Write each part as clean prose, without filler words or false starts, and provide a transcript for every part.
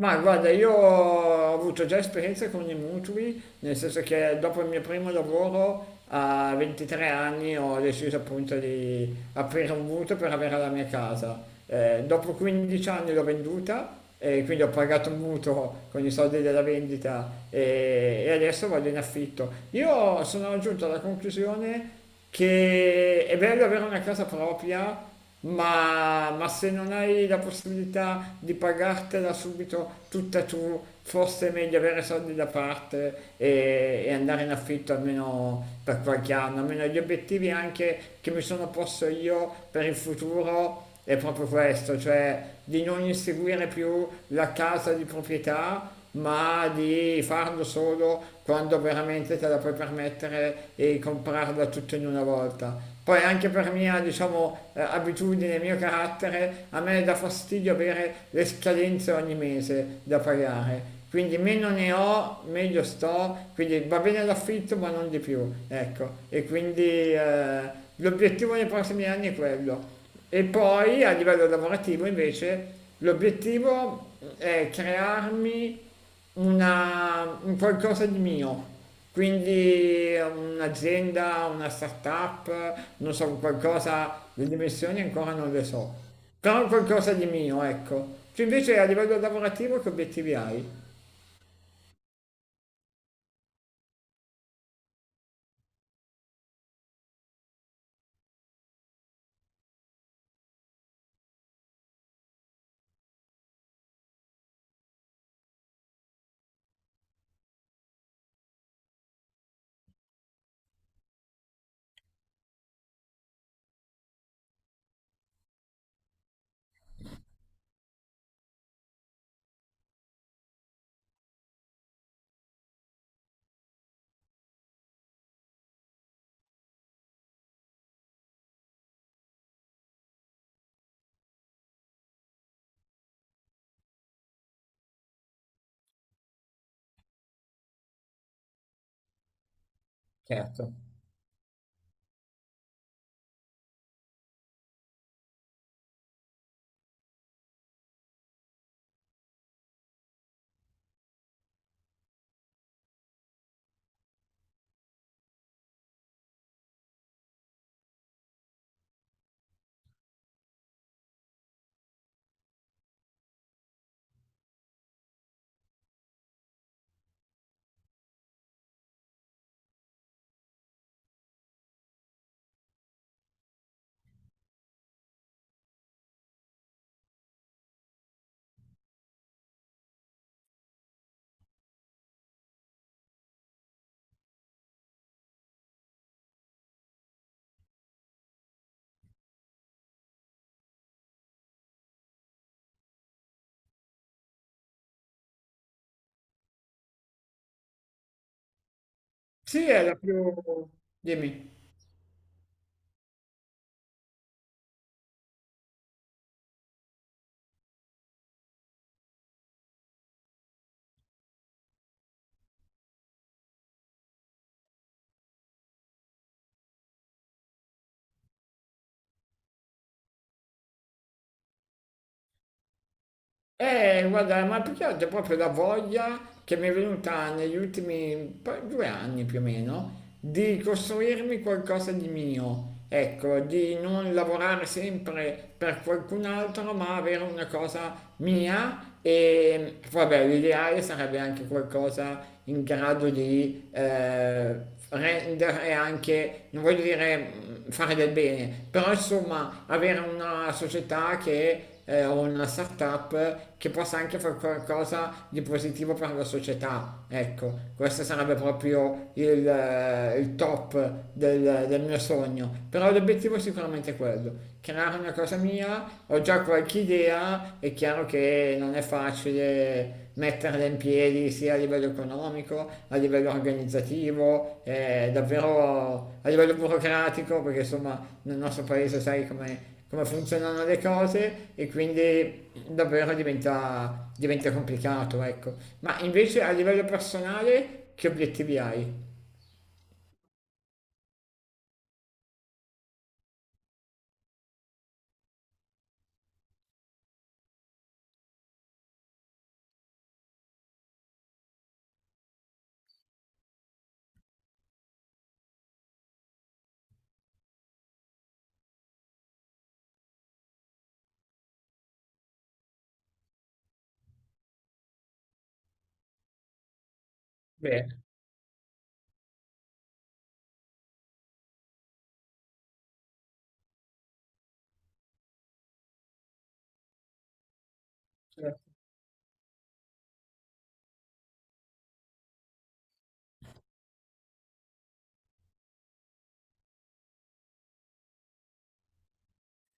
Ma guarda, io ho avuto già esperienze con i mutui, nel senso che dopo il mio primo lavoro a 23 anni ho deciso appunto di aprire un mutuo per avere la mia casa. Dopo 15 anni l'ho venduta e quindi ho pagato un mutuo con i soldi della vendita e adesso vado in affitto. Io sono giunto alla conclusione che è bello avere una casa propria, ma se non hai la possibilità di pagartela subito tutta tu, forse è meglio avere soldi da parte e andare in affitto almeno per qualche anno. Almeno gli obiettivi anche che mi sono posto io per il futuro è proprio questo, cioè di non inseguire più la casa di proprietà, ma di farlo solo quando veramente te la puoi permettere e comprarla tutto in una volta. Poi anche per mia, diciamo, abitudine, mio carattere, a me dà fastidio avere le scadenze ogni mese da pagare. Quindi meno ne ho, meglio sto, quindi va bene l'affitto ma non di più, ecco. E quindi l'obiettivo nei prossimi anni è quello. E poi a livello lavorativo invece l'obiettivo è crearmi un qualcosa di mio, quindi un'azienda, una startup, non so, qualcosa, le dimensioni ancora non le so, però qualcosa di mio, ecco. Tu invece a livello lavorativo che obiettivi hai? Certo. Sì, è la più... Dimmi. Guarda, ma più che altro è proprio la voglia che mi è venuta negli ultimi, poi, 2 anni più o meno di costruirmi qualcosa di mio, ecco, di non lavorare sempre per qualcun altro, ma avere una cosa mia. E vabbè, l'ideale sarebbe anche qualcosa in grado di rendere anche, non voglio dire fare del bene, però insomma avere una società che o una startup che possa anche fare qualcosa di positivo per la società. Ecco, questo sarebbe proprio il top del mio sogno. Però l'obiettivo è sicuramente quello, creare una cosa mia. Ho già qualche idea, è chiaro che non è facile metterla in piedi sia a livello economico, a livello organizzativo, davvero a livello burocratico, perché insomma nel nostro paese sai come funzionano le cose e quindi davvero diventa complicato, ecco. Ma invece a livello personale che obiettivi hai? Bene.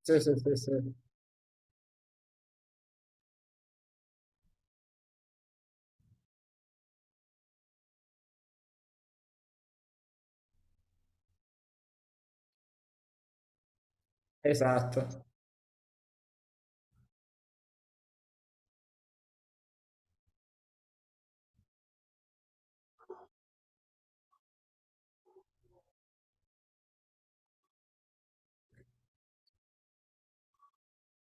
Sì, sì, sì, sì, esatto.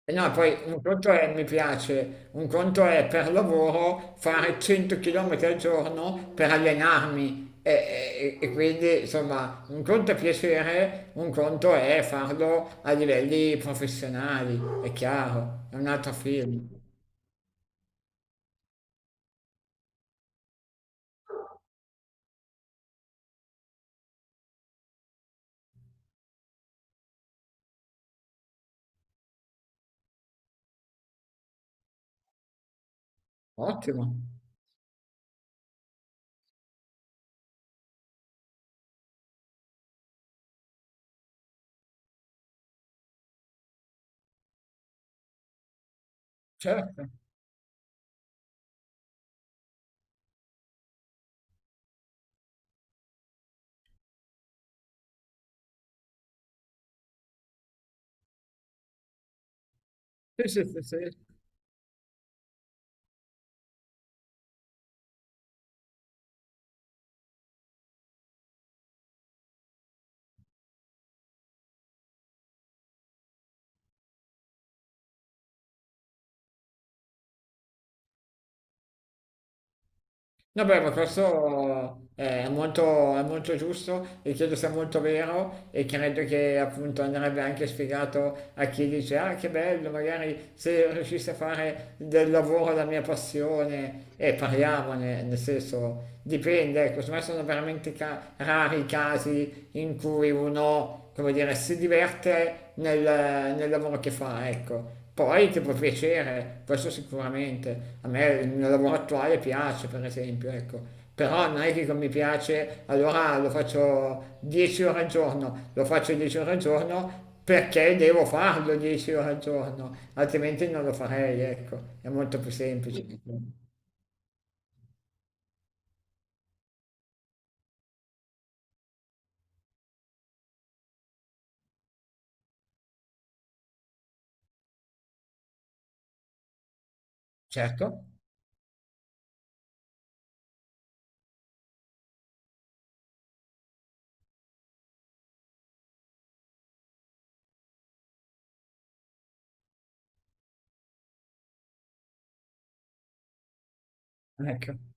E no, poi un conto è mi piace, un conto è per lavoro fare 100 km al giorno per allenarmi. E quindi insomma un conto è piacere, un conto è farlo a livelli professionali, è chiaro, è un altro film. Ottimo. Certo, sì, sì, sì, sì. No, beh, ma questo è molto giusto e credo sia molto vero e credo che appunto andrebbe anche spiegato a chi dice ah che bello, magari se riuscissi a fare del lavoro la mia passione e parliamone, nel senso, dipende, ecco. Secondo me sono veramente rari i casi in cui uno, come dire, si diverte nel lavoro che fa, ecco. Poi ti può piacere, questo sicuramente. A me il mio lavoro attuale piace, per esempio, ecco. Però non è che come mi piace, allora lo faccio 10 ore al giorno, lo faccio 10 ore al giorno perché devo farlo 10 ore al giorno, altrimenti non lo farei, ecco. È molto più semplice. Certo, ecco.